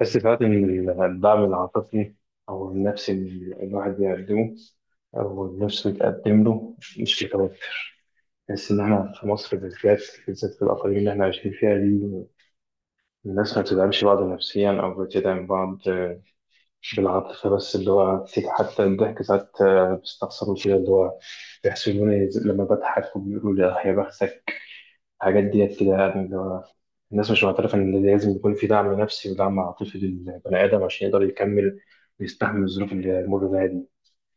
بس ساعات إن الدعم العاطفي أو النفسي اللي الواحد بيقدمه أو النفس بتقدم له مش متوفر، بحس إن إحنا في مصر بالذات بالذات في الأقاليم اللي إحنا عايشين فيها دي الناس ما بتدعمش بعض نفسيا أو بتدعم بعض بالعاطفة بس اللي هو حتى الضحك ساعات بيستخسروا كده اللي هو بيحسدوني لما بضحك وبيقولوا لي آه يا بختك. الحاجات ديت كده يعني الناس مش معترفة إن لازم يكون في دعم نفسي ودعم عاطفي للبني آدم عشان يقدر يكمل ويستحمل الظروف اللي يمر بيها دي.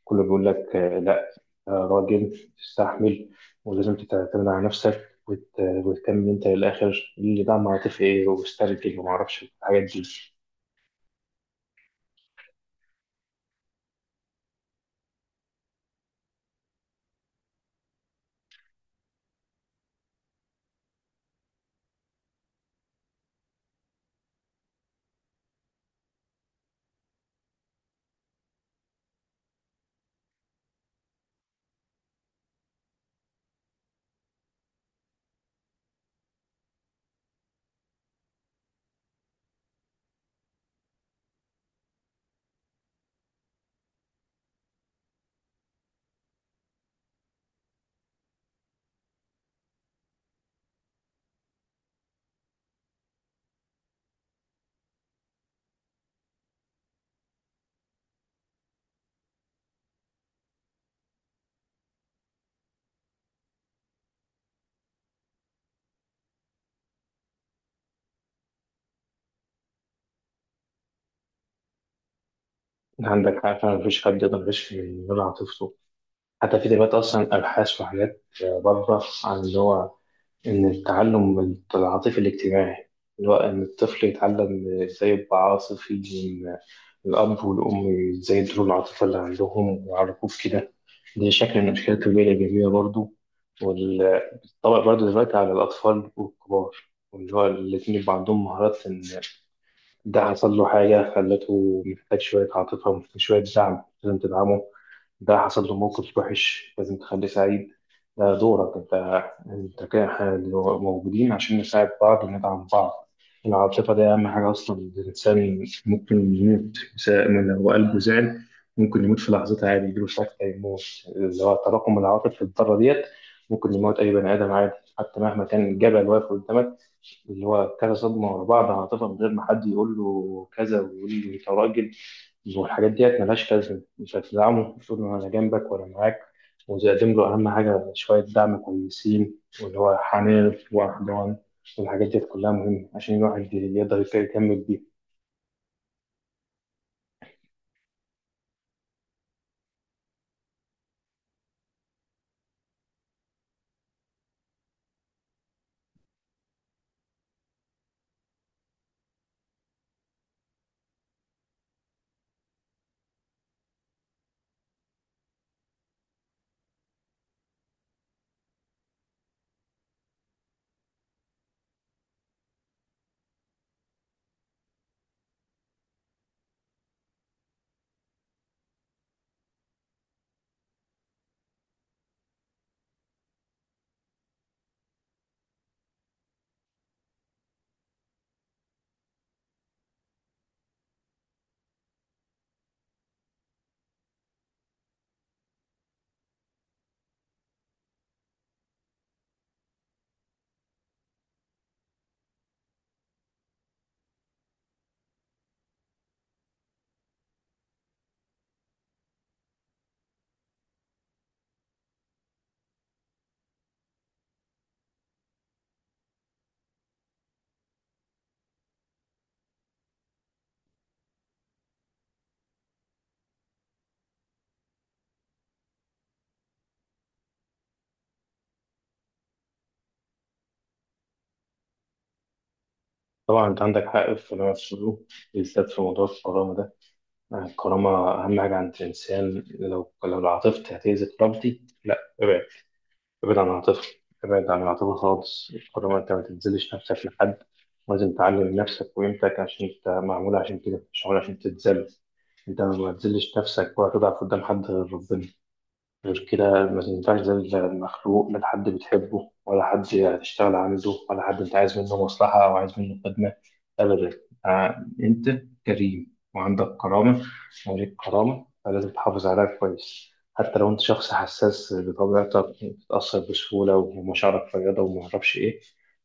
كله بيقول لك آه، لا، آه، راجل تستحمل ولازم تعتمد على نفسك وتكمل أنت للآخر اللي دعم عاطفي إيه واسترجل ومعرفش الحاجات دي. عندك حق فعلا مفيش حد يقدر يعيش من غير عاطفته. حتى في دلوقتي أصلا أبحاث وحاجات بره عن اللي هو إن التعلم العاطفي الاجتماعي اللي هو إن الطفل يتعلم إزاي يبقى عاطفي، الأب والأم يزودوا العاطفة اللي عندهم ويعرفوك كده. دي شكل من أشكال التربية الإيجابية برضو، والطبق برضو دلوقتي على الأطفال والكبار، واللي هو الاتنين يبقى عندهم مهارات. إن ده حصل له حاجة خلته محتاج شوية عاطفة ومحتاج شوية دعم لازم تدعمه، ده حصل له موقف وحش لازم تخليه سعيد، ده دورك انت. انت كده احنا موجودين عشان نساعد بعض وندعم بعض. العاطفة دي أهم حاجة أصلا، الإنسان ممكن يموت لو قلبه زعل ممكن يموت في لحظتها عادي، يجيله سكتة يموت، اللي هو تراكم العواطف في الذرة ديت. ممكن يموت أي بني آدم عادي حتى مهما كان الجبل واقف قدامك، اللي هو كذا صدمة ورا بعض هتبقى من غير ما حد يقول له كذا ويقول له أنت راجل. والحاجات ديت ملهاش لازمة، مش هتدعمه. المفروض إن أنا جنبك وأنا معاك وتقدم له أهم حاجة شوية دعم كويسين، واللي هو حنان وحنان والحاجات ديت كلها مهمة عشان الواحد يقدر يكمل بيها. طبعا انت عندك حق في اللي أنا بتقوله، بالذات في موضوع الكرامه ده. الكرامه اهم حاجه عند الانسان، لو عاطفتي هتاذي كرامتي لا، ابعد، ابعد عن العاطفة، ابعد عن العاطفة خالص. طالما انت ما تتذلش نفسك لحد، لازم تعلم نفسك وقيمتك عشان انت معمول عشان كده، مش معمول عشان تتذل. انت ما تذلش نفسك ولا تضعف قدام حد غير ربنا، غير كده ما تنفعش ده المخلوق، لا حد بتحبه ولا حد هتشتغل عنده ولا حد انت عايز منه مصلحة او عايز منه خدمة، ابدا. انت كريم وعندك كرامة وليك كرامة، فلازم تحافظ عليها كويس. حتى لو انت شخص حساس بطبيعتك بتتأثر بسهولة ومشاعرك فياضة ومعرفش ايه،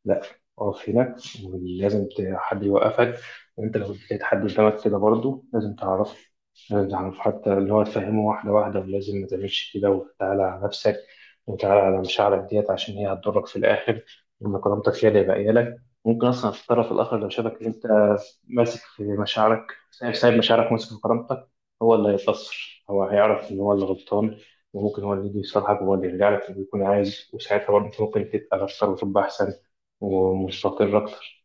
لا، اقف هنا، ولازم حد يوقفك. وانت لو لقيت حد قدامك كده برضه لازم تعرفه، يعني حتى اللي هو تفهمه واحدة واحدة، ولازم ما تعملش كده وتعالى على نفسك وتعالى على مشاعرك ديت عشان هي هتضرك في الآخر، وإن كرامتك هي اللي هيبقى لك. ممكن أصلا في الطرف الآخر لو شافك إن أنت ماسك في مشاعرك، سايب سايب مشاعرك ماسك في كرامتك، هو اللي هيتأثر، هو هيعرف إن هو اللي غلطان، وممكن هو اللي يجي يصلحك وهو اللي يرجع لك اللي يكون عايز، وساعتها برضه أنت ممكن تبقى أكثر وتبقى أحسن ومستقر أكتر.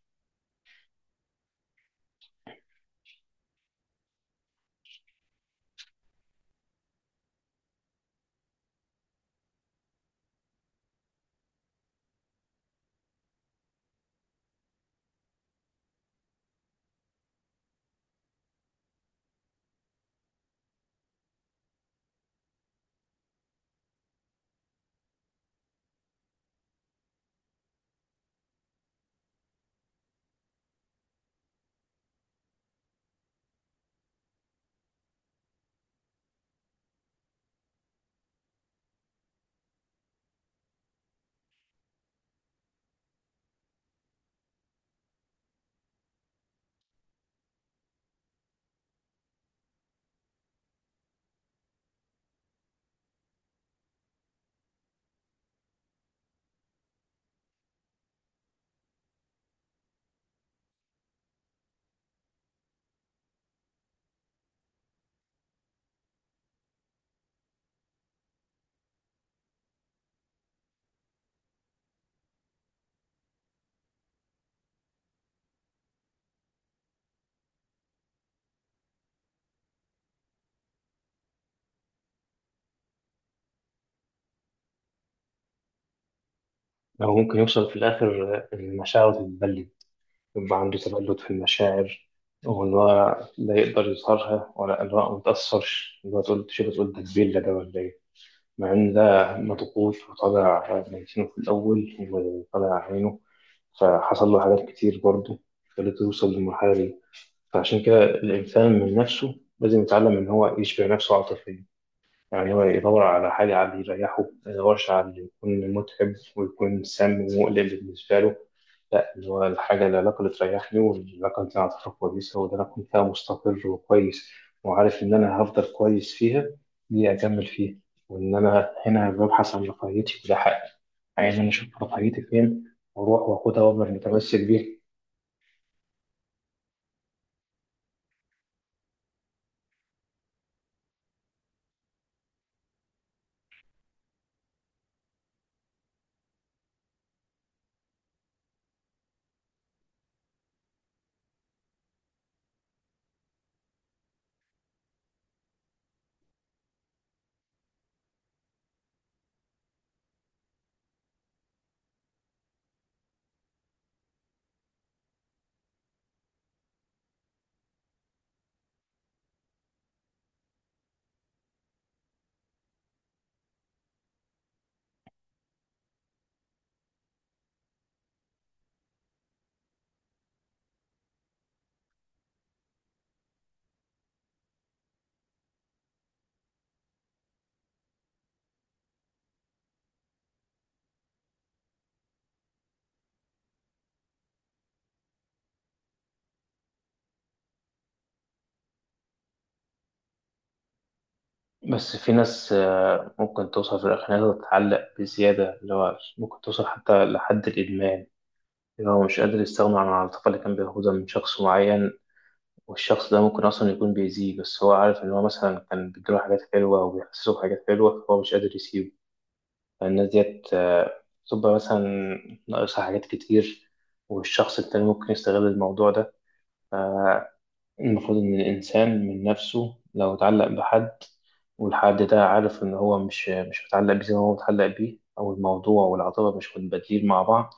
أو ممكن يوصل في الآخر المشاعر تتبلد، يبقى عنده تبلد في المشاعر، وإن هو لا يقدر يظهرها ولا إن هو ما يتأثرش، إن هو تقول تشيل تقول ده كبير ده ولا إيه، مع إن ده مضغوط وطالع ميتينه في الأول وطالع عينه، فحصل له حاجات كتير برضه خلته يوصل للمرحلة دي. فعشان كده الإنسان من نفسه لازم يتعلم إن هو يشبع نفسه عاطفيا، يعني هو يدور على حاجة، على اللي يريحه، ما يدورش على اللي يكون متعب ويكون سام ومقلق بالنسبة له. لا، اللي هو الحاجة، العلاقة اللي تريحني والعلاقة اللي أنا أعتبرها كويسة واللي أنا أكون فيها مستقر وكويس وعارف إن أنا هفضل كويس فيها، دي أكمل فيها. وإن أنا هنا ببحث عن رفاهيتي وده حقي، عايز إن أنا أشوف رفاهيتي فين وأروح وآخدها وأفضل متمسك بيها. بس في ناس ممكن توصل في الآخر إنها تتعلق بزيادة، اللي هو ممكن توصل حتى لحد الإدمان، اللي هو مش قادر يستغنى عن العاطفة اللي كان بياخدها من شخص معين، والشخص ده ممكن أصلا يكون بيأذيه، بس هو عارف إن هو مثلا كان بيديله حاجات حلوة أو بيحسسه بحاجات حلوة فهو مش قادر يسيبه. فالناس ديت بتبقى مثلا ناقصها حاجات كتير، والشخص التاني ممكن يستغل الموضوع ده. المفروض إن الإنسان من نفسه لو اتعلق بحد والحد ده عارف إن هو مش متعلق بيه زي ما هو متعلق بيه، أو الموضوع والعاطفة مش متبادلين مع بعض،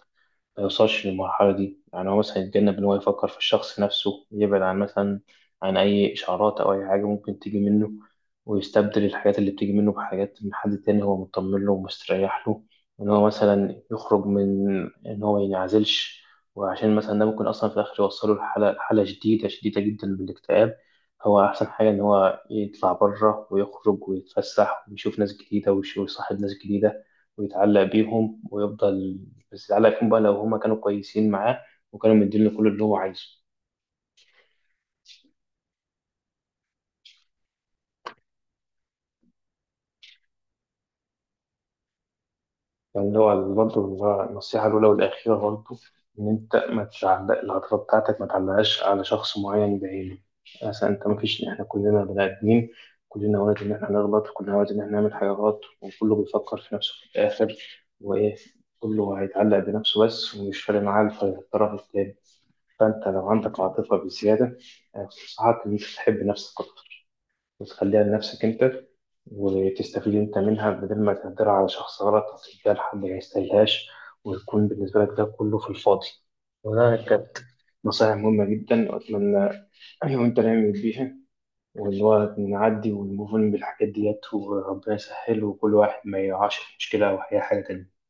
ما يوصلش للمرحلة دي. يعني هو مثلا يتجنب إن هو يفكر في الشخص نفسه، يبعد عن مثلا عن أي إشعارات أو أي حاجة ممكن تيجي منه، ويستبدل الحاجات اللي بتيجي منه بحاجات من حد تاني هو مطمن له ومستريح له. إن هو مثلا يخرج من، إن هو مينعزلش، وعشان مثلا ده ممكن أصلا في الآخر يوصله لحالة، شديدة شديدة جدا من الاكتئاب. هو أحسن حاجة إن هو يطلع بره ويخرج ويتفسح ويشوف ناس جديدة ويصاحب ناس جديدة ويتعلق بيهم ويفضل، بس على يكون بقى لو هما كانوا كويسين معاه وكانوا مدينه كل اللي هو عايزه. يعني اللي هو برضه النصيحة الأولى والأخيرة برضه إن أنت ما تعلق العاطفة بتاعتك، ما تعلقهاش على شخص معين بعينه. مثلا أنت ما فيش، إحنا كلنا بني آدمين، كلنا وارد إن إحنا نغلط وكلنا وارد إن إحنا نعمل حاجة غلط، وكله بيفكر في نفسه في الآخر وإيه، كله هيتعلق بنفسه بس ومش فارق معاه الطرف التاني. فأنت لو عندك عاطفة بزيادة، أنصحك إن أنت تحب نفسك أكتر، وتخليها لنفسك أنت، وتستفيد أنت منها بدل ما تهدرها على شخص غلط أو تديها لحد ما يستاهلهاش ويكون بالنسبة لك ده كله في الفاضي. وده كانت نصائح مهمة جدا، وأتمنى أنا وأنت نعمل بيها، واللي هو نعدي ونموف أون بالحاجات ديت، وربنا يسهل وكل واحد ما يقعش في مشكلة أو أي حاجة تانية.